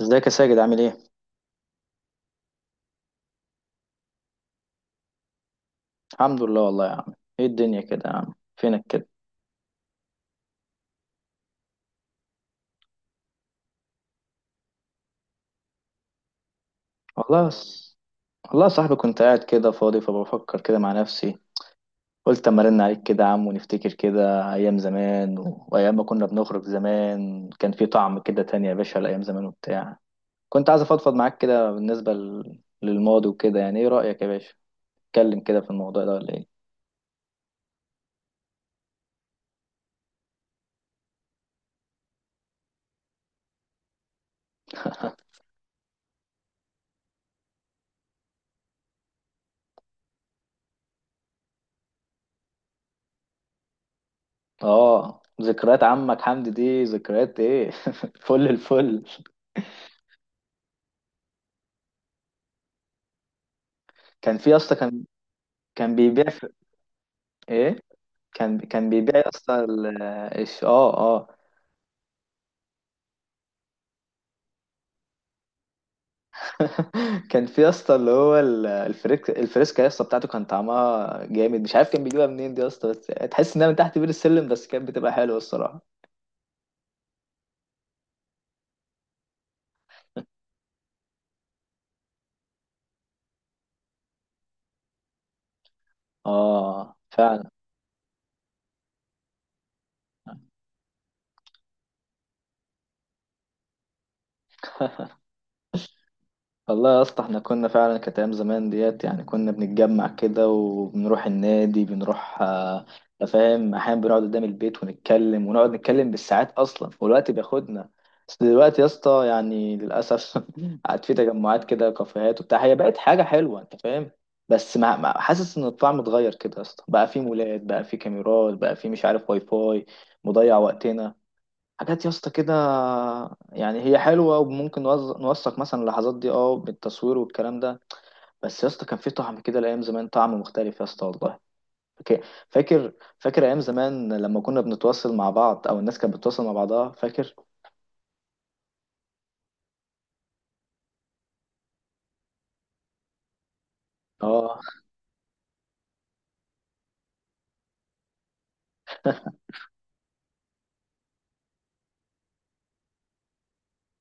ازيك يا ساجد عامل ايه؟ الحمد لله والله يا عم. ايه الدنيا كده يا عم فينك كده؟ والله س... والله يا صاحبي كنت قاعد كده فاضي فبفكر كده مع نفسي. قلت اما ارن عليك كده يا عم ونفتكر كده ايام زمان وايام ما كنا بنخرج زمان كان في طعم كده تاني يا باشا لايام زمان وبتاع. كنت عايز افضفض معاك كده بالنسبة للماضي وكده، يعني ايه رأيك يا باشا؟ اتكلم كده في الموضوع ده ولا ايه؟ اه، ذكريات عمك حمدي دي ذكريات ايه؟ فل الفل. كان في يا اسطى كان، كان بيبيع ايه، كان بيبيع يا اسطى اه اه. كان في يا اسطى اللي هو الفريك الفريسكا يا اسطى بتاعته كان طعمها جامد، مش عارف كان بيجيبها منين دي يا اسطى، بس تحس انها من تحت بير السلم، بس كانت بتبقى حلوه الصراحه. اه فعلا. والله يا اسطى احنا كنا فعلا كانت ايام زمان ديت، يعني كنا بنتجمع كده وبنروح النادي، بنروح فاهم، احيانا بنقعد قدام البيت ونتكلم ونقعد نتكلم بالساعات اصلا والوقت بياخدنا. بس دلوقتي يا اسطى يعني للاسف قعد في تجمعات كده، كافيهات وبتاع، هي بقت حاجه حلوه انت فاهم، بس حاسس ان الطعم اتغير كده يا اسطى، بقى في مولات، بقى في كاميرات، بقى في مش عارف واي فاي مضيع وقتنا، حاجات يا اسطى كده. يعني هي حلوه وممكن نوثق مثلا اللحظات دي اه بالتصوير والكلام ده، بس يا اسطى كان في طعم كده الايام زمان، طعم مختلف يا اسطى والله. فاك- فاكر. فاكر ايام زمان لما كنا بنتواصل مع بعض او الناس كانت بتتواصل مع بعضها فاكر؟ اه.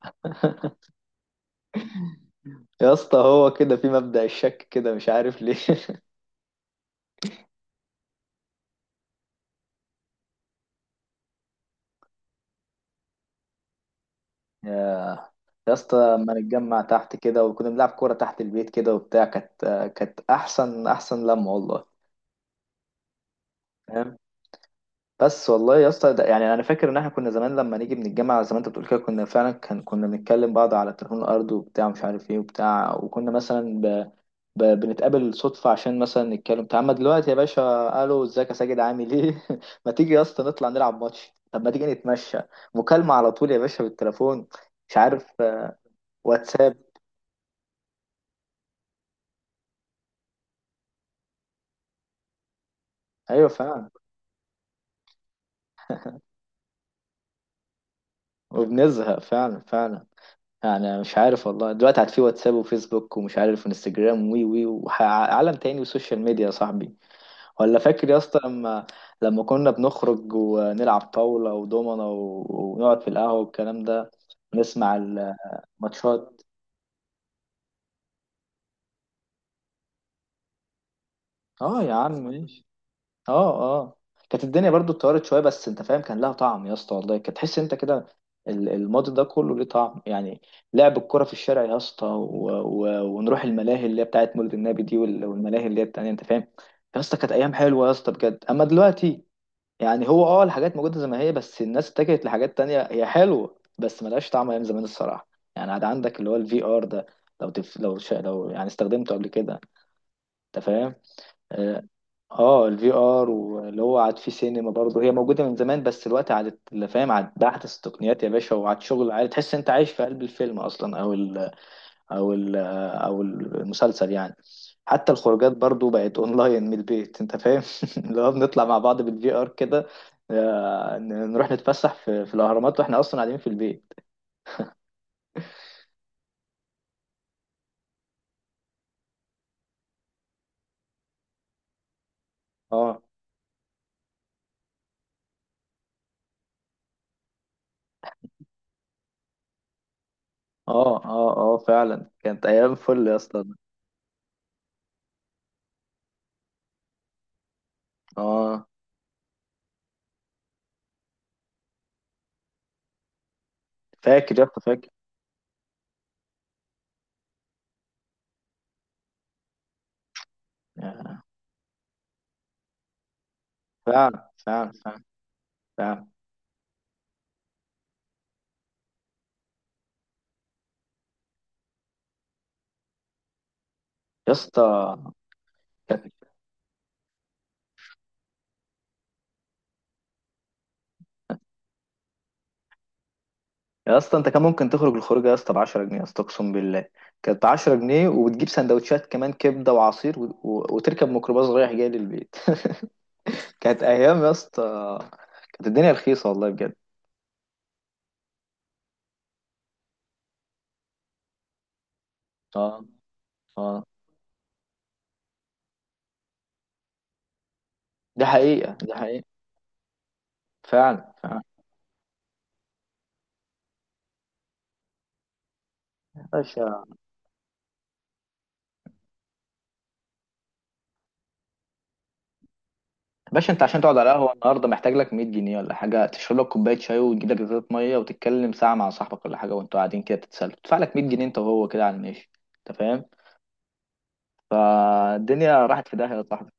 يا اسطى هو كده في مبدأ الشك كده مش عارف ليه. يا يا اسطى لما نتجمع تحت كده وكنا بنلعب كوره تحت البيت كده وبتاع كانت، كانت احسن لمه والله. بس والله يا اسطى ده- يعني انا فاكر ان احنا كنا زمان لما نيجي من الجامعه زي ما انت بتقول كده كنا فعلا كان كنا بنتكلم بعض على التليفون الارضي وبتاع مش عارف ايه وبتاع، وكنا مثلا بنتقابل صدفه عشان مثلا نتكلم تعالى. اما دلوقتي يا باشا، الو ازيك يا ساجد عامل ايه، ما تيجي يا اسطى نطلع نلعب ماتش، طب ما تيجي نتمشى، مكالمه على طول يا باشا بالتليفون، مش عارف آه، واتساب. ايوه فعلا. وبنزهق فعلا فعلا. يعني مش عارف والله دلوقتي عاد في واتساب وفيسبوك ومش عارف وانستجرام وي وي وعالم تاني وسوشيال ميديا يا صاحبي. ولا فاكر يا اسطى لما، لما كنا بنخرج ونلعب طاولة ودومنة و- ونقعد في القهوة والكلام ده، نسمع الماتشات. اه يا عم ماشي. اه اه، كانت الدنيا برضو اتطورت شويه بس انت فاهم كان لها طعم يا اسطى والله، كانت تحس انت كده الماضي ده كله ليه طعم يعني. لعب الكرة في الشارع يا اسطى و... ونروح الملاهي اللي هي بتاعت مولد النبي دي والملاهي اللي هي التانية انت فاهم. يا اسطى كانت ايام حلوه يا اسطى بجد، اما دلوقتي يعني هو اه الحاجات موجوده زي ما هي، بس الناس اتجهت لحاجات تانية هي حلوه بس ملهاش طعم ايام زمان الصراحه. يعني عاد عندك اللي هو الفي ار ده، لو لو يعني استخدمته قبل كده انت فاهم؟ آه. اه الفي ار واللي هو عاد في سينما برضه هي موجوده من زمان بس الوقت عادت اللي فاهم عاد باحدث التقنيات يا باشا، وعاد شغل، عاد تحس انت عايش في قلب الفيلم اصلا او ال او المسلسل يعني. حتى الخروجات برضه بقت اونلاين من البيت انت فاهم، اللي هو بنطلع مع بعض بالفي ار كده، آه، نروح نتفسح في الاهرامات واحنا اصلا قاعدين في البيت. اه اه اه، اه فعلا كانت ايام فل يا اسطى. اه. فاكر يا اسطى فاكر. فعلا فعلا فعلا. فعلا. يا اسطى. يا اسطى انت كان ممكن تخرج الخروجه يا اسطى ب 10 جنيه يا اسطى اقسم بالله. كانت ب 10 جنيه وبتجيب سندوتشات كمان، كبده وعصير وتركب ميكروباص رايح جاي للبيت. كانت ايام يا اسطى. كانت الدنيا رخيصه والله بجد. اه اه. دي حقيقه دي حقيقه. فعلا فعلا. باشا. باشا انت عشان تقعد على قهوه النهارده محتاج لك 100 جنيه ولا حاجه، تشرب لك كوبايه شاي وتجيب لك ازازه ميه وتتكلم ساعه مع صاحبك ولا حاجه وانتوا قاعدين كده تتسلوا، تدفع لك 100 جنيه انت وهو كده على الماشي انت فاهم. فالدنيا راحت في داهيه يا صاحبي.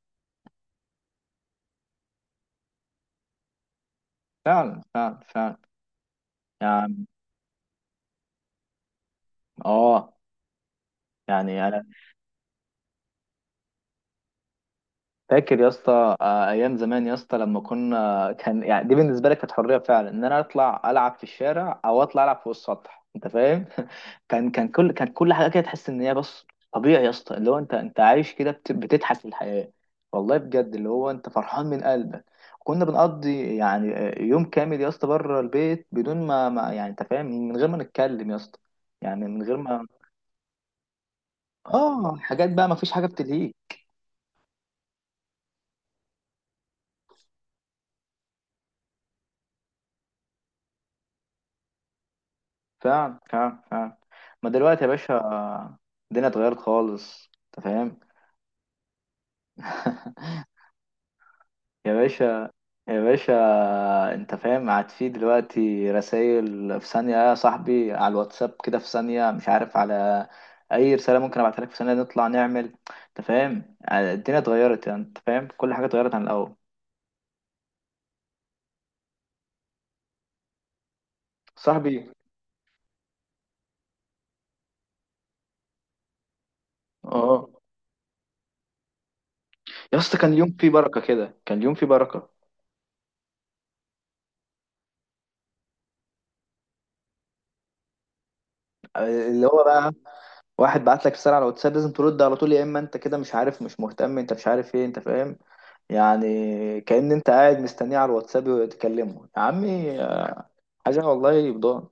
فعلا فعلا فعلا. يعني اه يعني انا فاكر يا اسطى آه، ايام زمان يا اسطى لما كنا، كان يعني دي بالنسبه لك كانت حريه فعلا ان انا اطلع العب في الشارع او اطلع العب فوق السطح انت فاهم. كل حاجه كده تحس ان هي بس طبيعي يا اسطى، اللي هو انت عايش كده بتضحك في الحياه والله بجد، اللي هو انت فرحان من قلبك. كنا بنقضي يعني آه، يوم كامل يا اسطى بره البيت بدون ما يعني انت فاهم من غير ما نتكلم يا اسطى، يعني من غير ما اه حاجات بقى، ما فيش حاجه بتلهيك. فعلا فعلا فعلا. ما دلوقتي يا باشا الدنيا اتغيرت خالص انت فاهم. يا باشا. يا باشا انت فاهم قاعد في دلوقتي رسائل في ثانية يا صاحبي على الواتساب، كده في ثانية مش عارف على اي رسالة ممكن ابعتها لك في ثانية، نطلع نعمل انت فاهم الدنيا اتغيرت، يعني انت فاهم كل حاجة اتغيرت عن الاول. صاحبي. اه. يا اسطى كان اليوم فيه بركة كده، كان اليوم فيه بركة. آه، اللي هو بقى واحد بعت لك رسالة على الواتساب لازم ترد على طول، يا اما انت كده مش عارف مش مهتم انت مش عارف ايه انت فاهم، يعني كأن انت قاعد مستنيه على الواتساب تكلمه يا عمي، حاجة والله يبدو.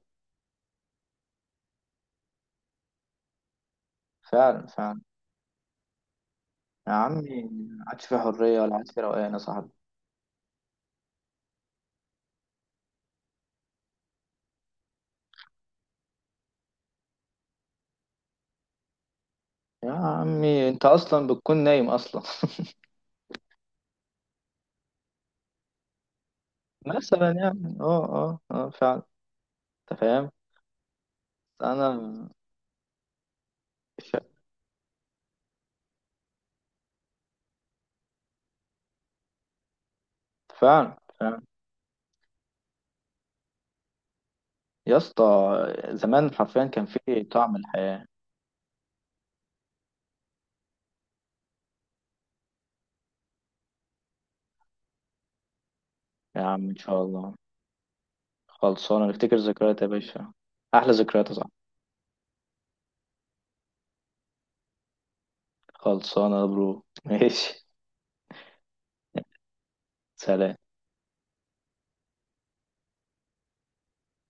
فعلا فعلا. يا عمي ما عادش في حرية ولا عادش في روقان يا صاحبي. يا عمي انت اصلا بتكون نايم اصلا. مثلا يعني اه اه اه فعلا. انت فاهم. انا ش- فعلا فعلا يا اسطى زمان حرفيا كان في طعم الحياة. يا عم ان شاء الله. خلصانة نفتكر ذكريات يا باشا، أحلى ذكريات يا صاحبي. خلصانة يا برو. ماشي سلام.